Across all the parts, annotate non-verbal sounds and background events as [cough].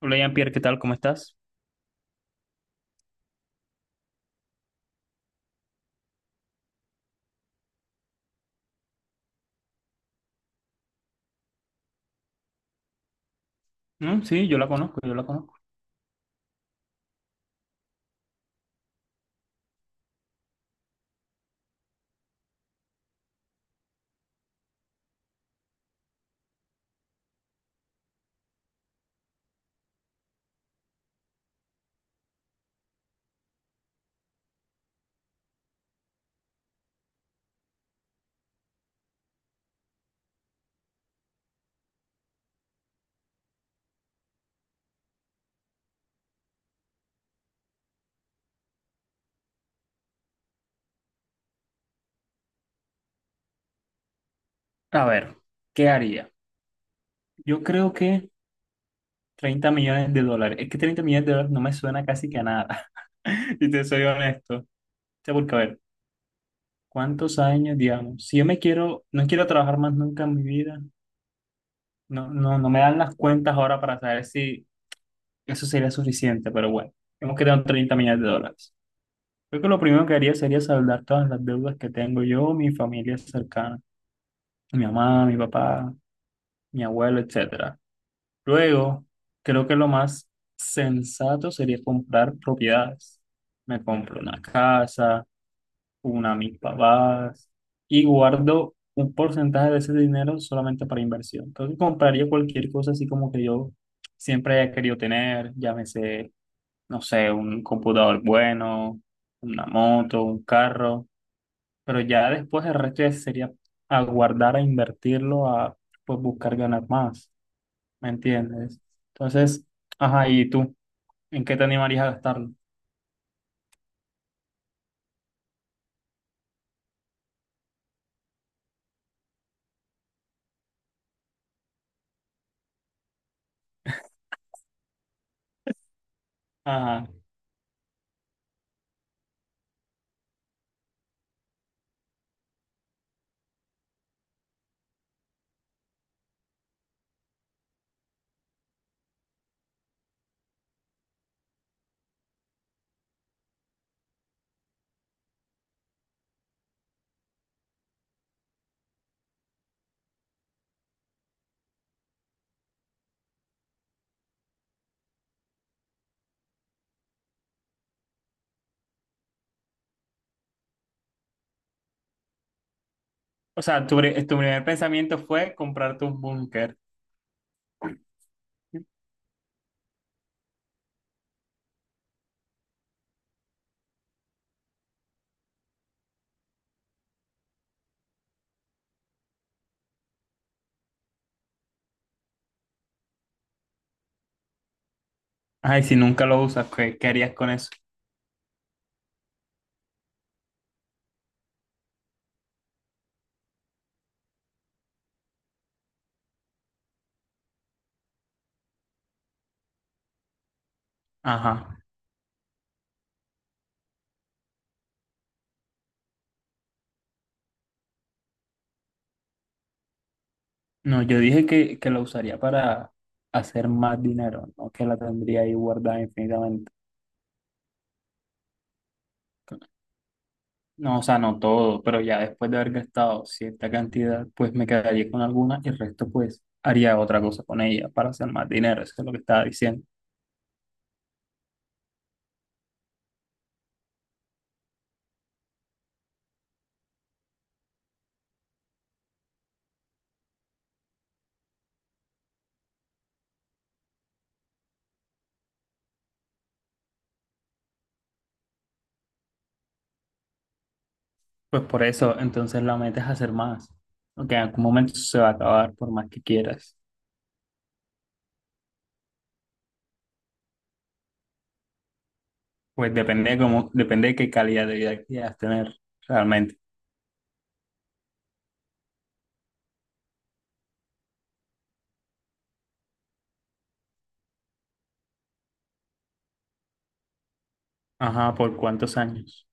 Hola Jean-Pierre, ¿qué tal? ¿Cómo estás? Mm, sí, yo la conozco, yo la conozco. A ver, ¿qué haría? Yo creo que 30 millones de dólares. Es que 30 millones de dólares no me suena casi que a nada, [laughs] si te soy honesto. O sea, porque a ver, ¿cuántos años, digamos? Si yo me quiero, no quiero trabajar más nunca en mi vida, no, no, no me dan las cuentas ahora para saber si eso sería suficiente, pero bueno, hemos quedado en 30 millones de dólares. Creo que lo primero que haría sería saldar todas las deudas que tengo yo, mi familia cercana, mi mamá, mi papá, mi abuelo, etcétera. Luego, creo que lo más sensato sería comprar propiedades. Me compro una casa, una a mis papás y guardo un porcentaje de ese dinero solamente para inversión. Creo que compraría cualquier cosa así como que yo siempre haya querido tener, llámese, no sé, un computador bueno, una moto, un carro, pero ya después el resto ya sería a guardar, a invertirlo, a pues buscar ganar más. ¿Me entiendes? Entonces, ajá, ¿y tú? ¿En qué te animarías a gastarlo? Ajá. O sea, tu primer pensamiento fue comprarte un búnker. Ay, si nunca lo usas, ¿qué harías con eso? Ajá. No, yo dije que, lo usaría para hacer más dinero, no que la tendría ahí guardada infinitamente. No, o sea, no todo, pero ya después de haber gastado cierta cantidad, pues me quedaría con alguna y el resto, pues, haría otra cosa con ella para hacer más dinero. Eso es lo que estaba diciendo. Pues por eso, entonces la meta es hacer más. Porque en algún momento se va a acabar por más que quieras. Pues depende de cómo, depende de qué calidad de vida quieras tener realmente. Ajá, ¿por cuántos años?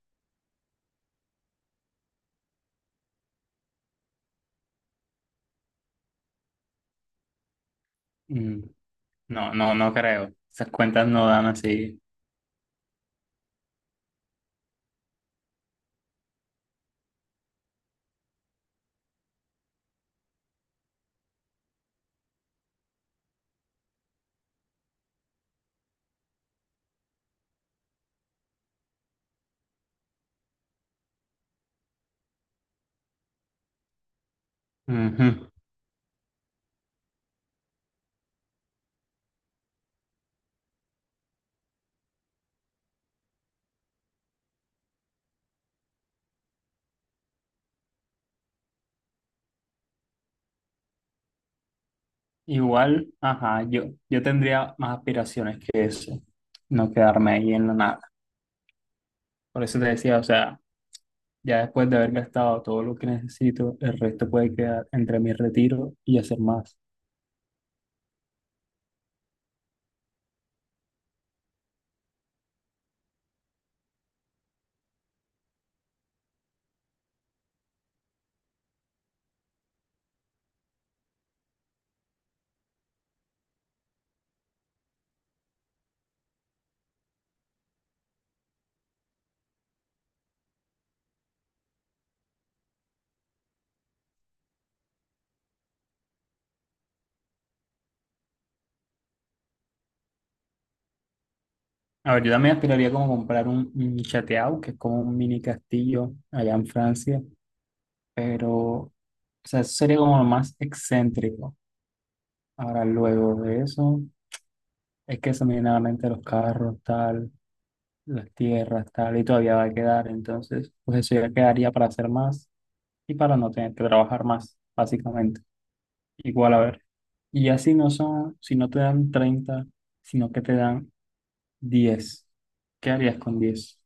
Mm, no, no, no creo. Esas cuentas no dan así. Ujú. Igual, ajá, yo tendría más aspiraciones que eso. No quedarme ahí en la nada. Por eso te decía, o sea, ya después de haber gastado todo lo que necesito, el resto puede quedar entre mi retiro y hacer más. A ver, yo también aspiraría como comprar un chateau, que es como un mini castillo allá en Francia, pero, o sea, eso sería como lo más excéntrico. Ahora, luego de eso, es que se me viene a la mente los carros, tal, las tierras, tal, y todavía va a quedar, entonces, pues eso ya quedaría para hacer más y para no tener que trabajar más, básicamente. Igual, a ver, y así no son, si no te dan 30, sino que te dan 10, ¿qué harías con 10?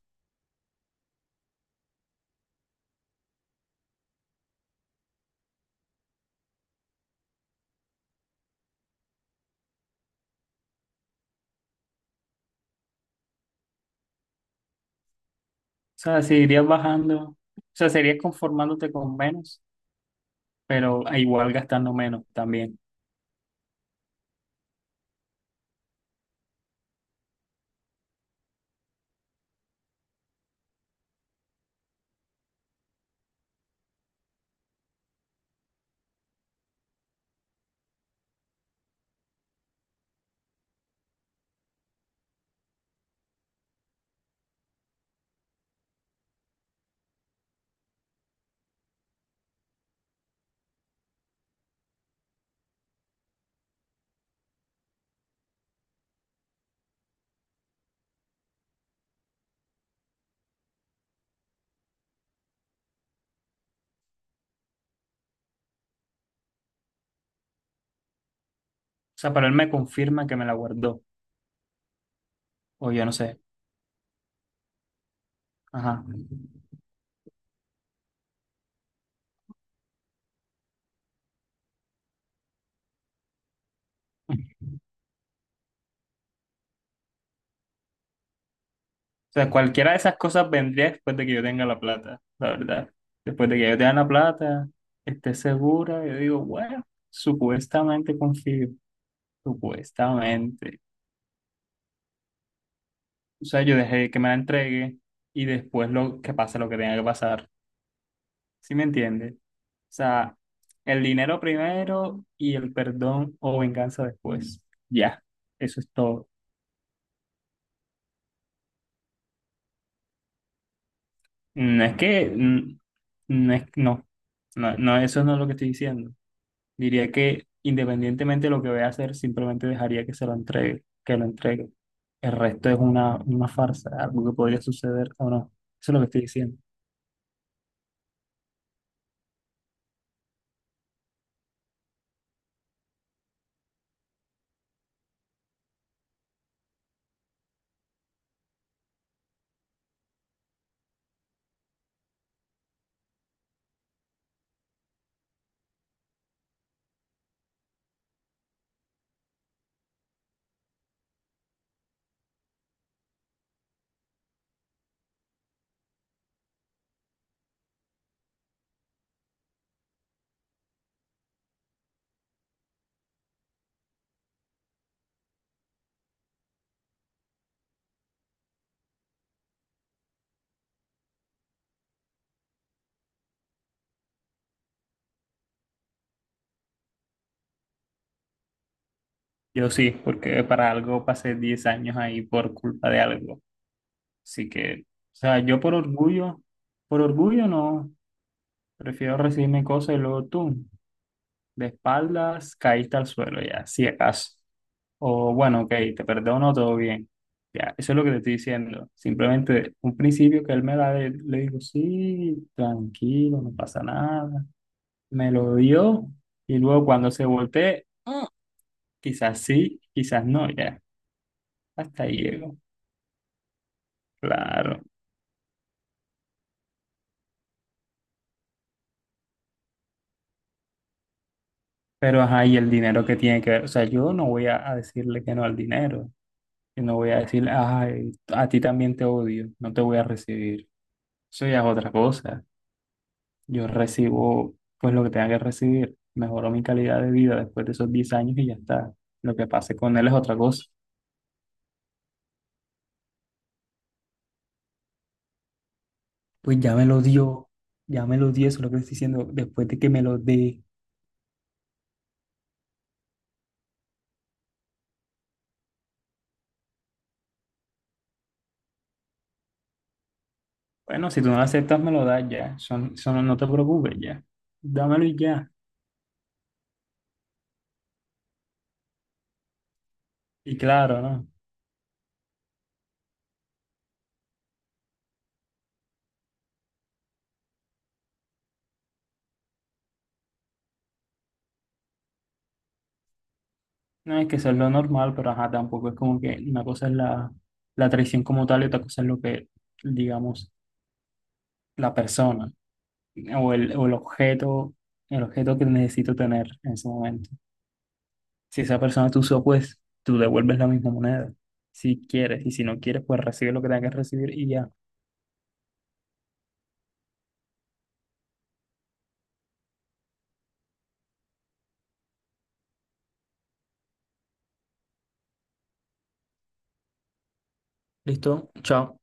O sea, si irías bajando, o sea, serías conformándote con menos, pero igual gastando menos también. O sea, pero él me confirma que me la guardó, o yo no sé. Ajá. O sea, cualquiera de esas cosas vendría después de que yo tenga la plata, la verdad. Después de que yo tenga la plata, esté segura, yo digo, bueno, supuestamente confío, supuestamente. O sea, yo dejé que me la entregue y después lo que pase lo que tenga que pasar. ¿Sí me entiendes? O sea, el dinero primero y el perdón o venganza después. Ya, eso es todo. No es que, no es, no, no, no, eso no es lo que estoy diciendo. Diría que independientemente de lo que voy a hacer, simplemente dejaría que se lo entregue, que lo entregue. El resto es una farsa, algo que podría suceder o no. Eso es lo que estoy diciendo. Yo sí, porque para algo pasé 10 años ahí por culpa de algo. Así que, o sea, yo por orgullo no, prefiero recibirme cosas y luego tú, de espaldas, caíste al suelo ya, si acaso. O bueno, ok, te perdono, todo bien. Ya, eso es lo que te estoy diciendo. Simplemente un principio que él me da, le digo, sí, tranquilo, no pasa nada. Me lo dio y luego cuando se voltee, quizás sí, quizás no, ya. Hasta ahí llego. Claro. Pero, ajá, y el dinero que tiene que ver, o sea, yo no voy a decirle que no al dinero, yo no voy a decirle, ay, a ti también te odio, no te voy a recibir. Eso ya es otra cosa. Yo recibo, pues, lo que tenga que recibir. Mejoró mi calidad de vida después de esos 10 años y ya está. Lo que pase con él es otra cosa. Pues ya me lo dio, ya me lo dio, eso es lo que estoy diciendo, después de que me lo dé. Bueno, si tú no lo aceptas, me lo das ya, son, no te preocupes ya, dámelo y ya. Y claro, ¿no? No es que eso es lo normal, pero ajá, tampoco es como que una cosa es la, traición como tal y otra cosa es lo que, digamos, la persona o el objeto que necesito tener en ese momento. Si esa persona te usó, pues tú devuelves la misma moneda, si quieres, y si no quieres, pues recibe lo que tengas que recibir y ya. Listo, chao.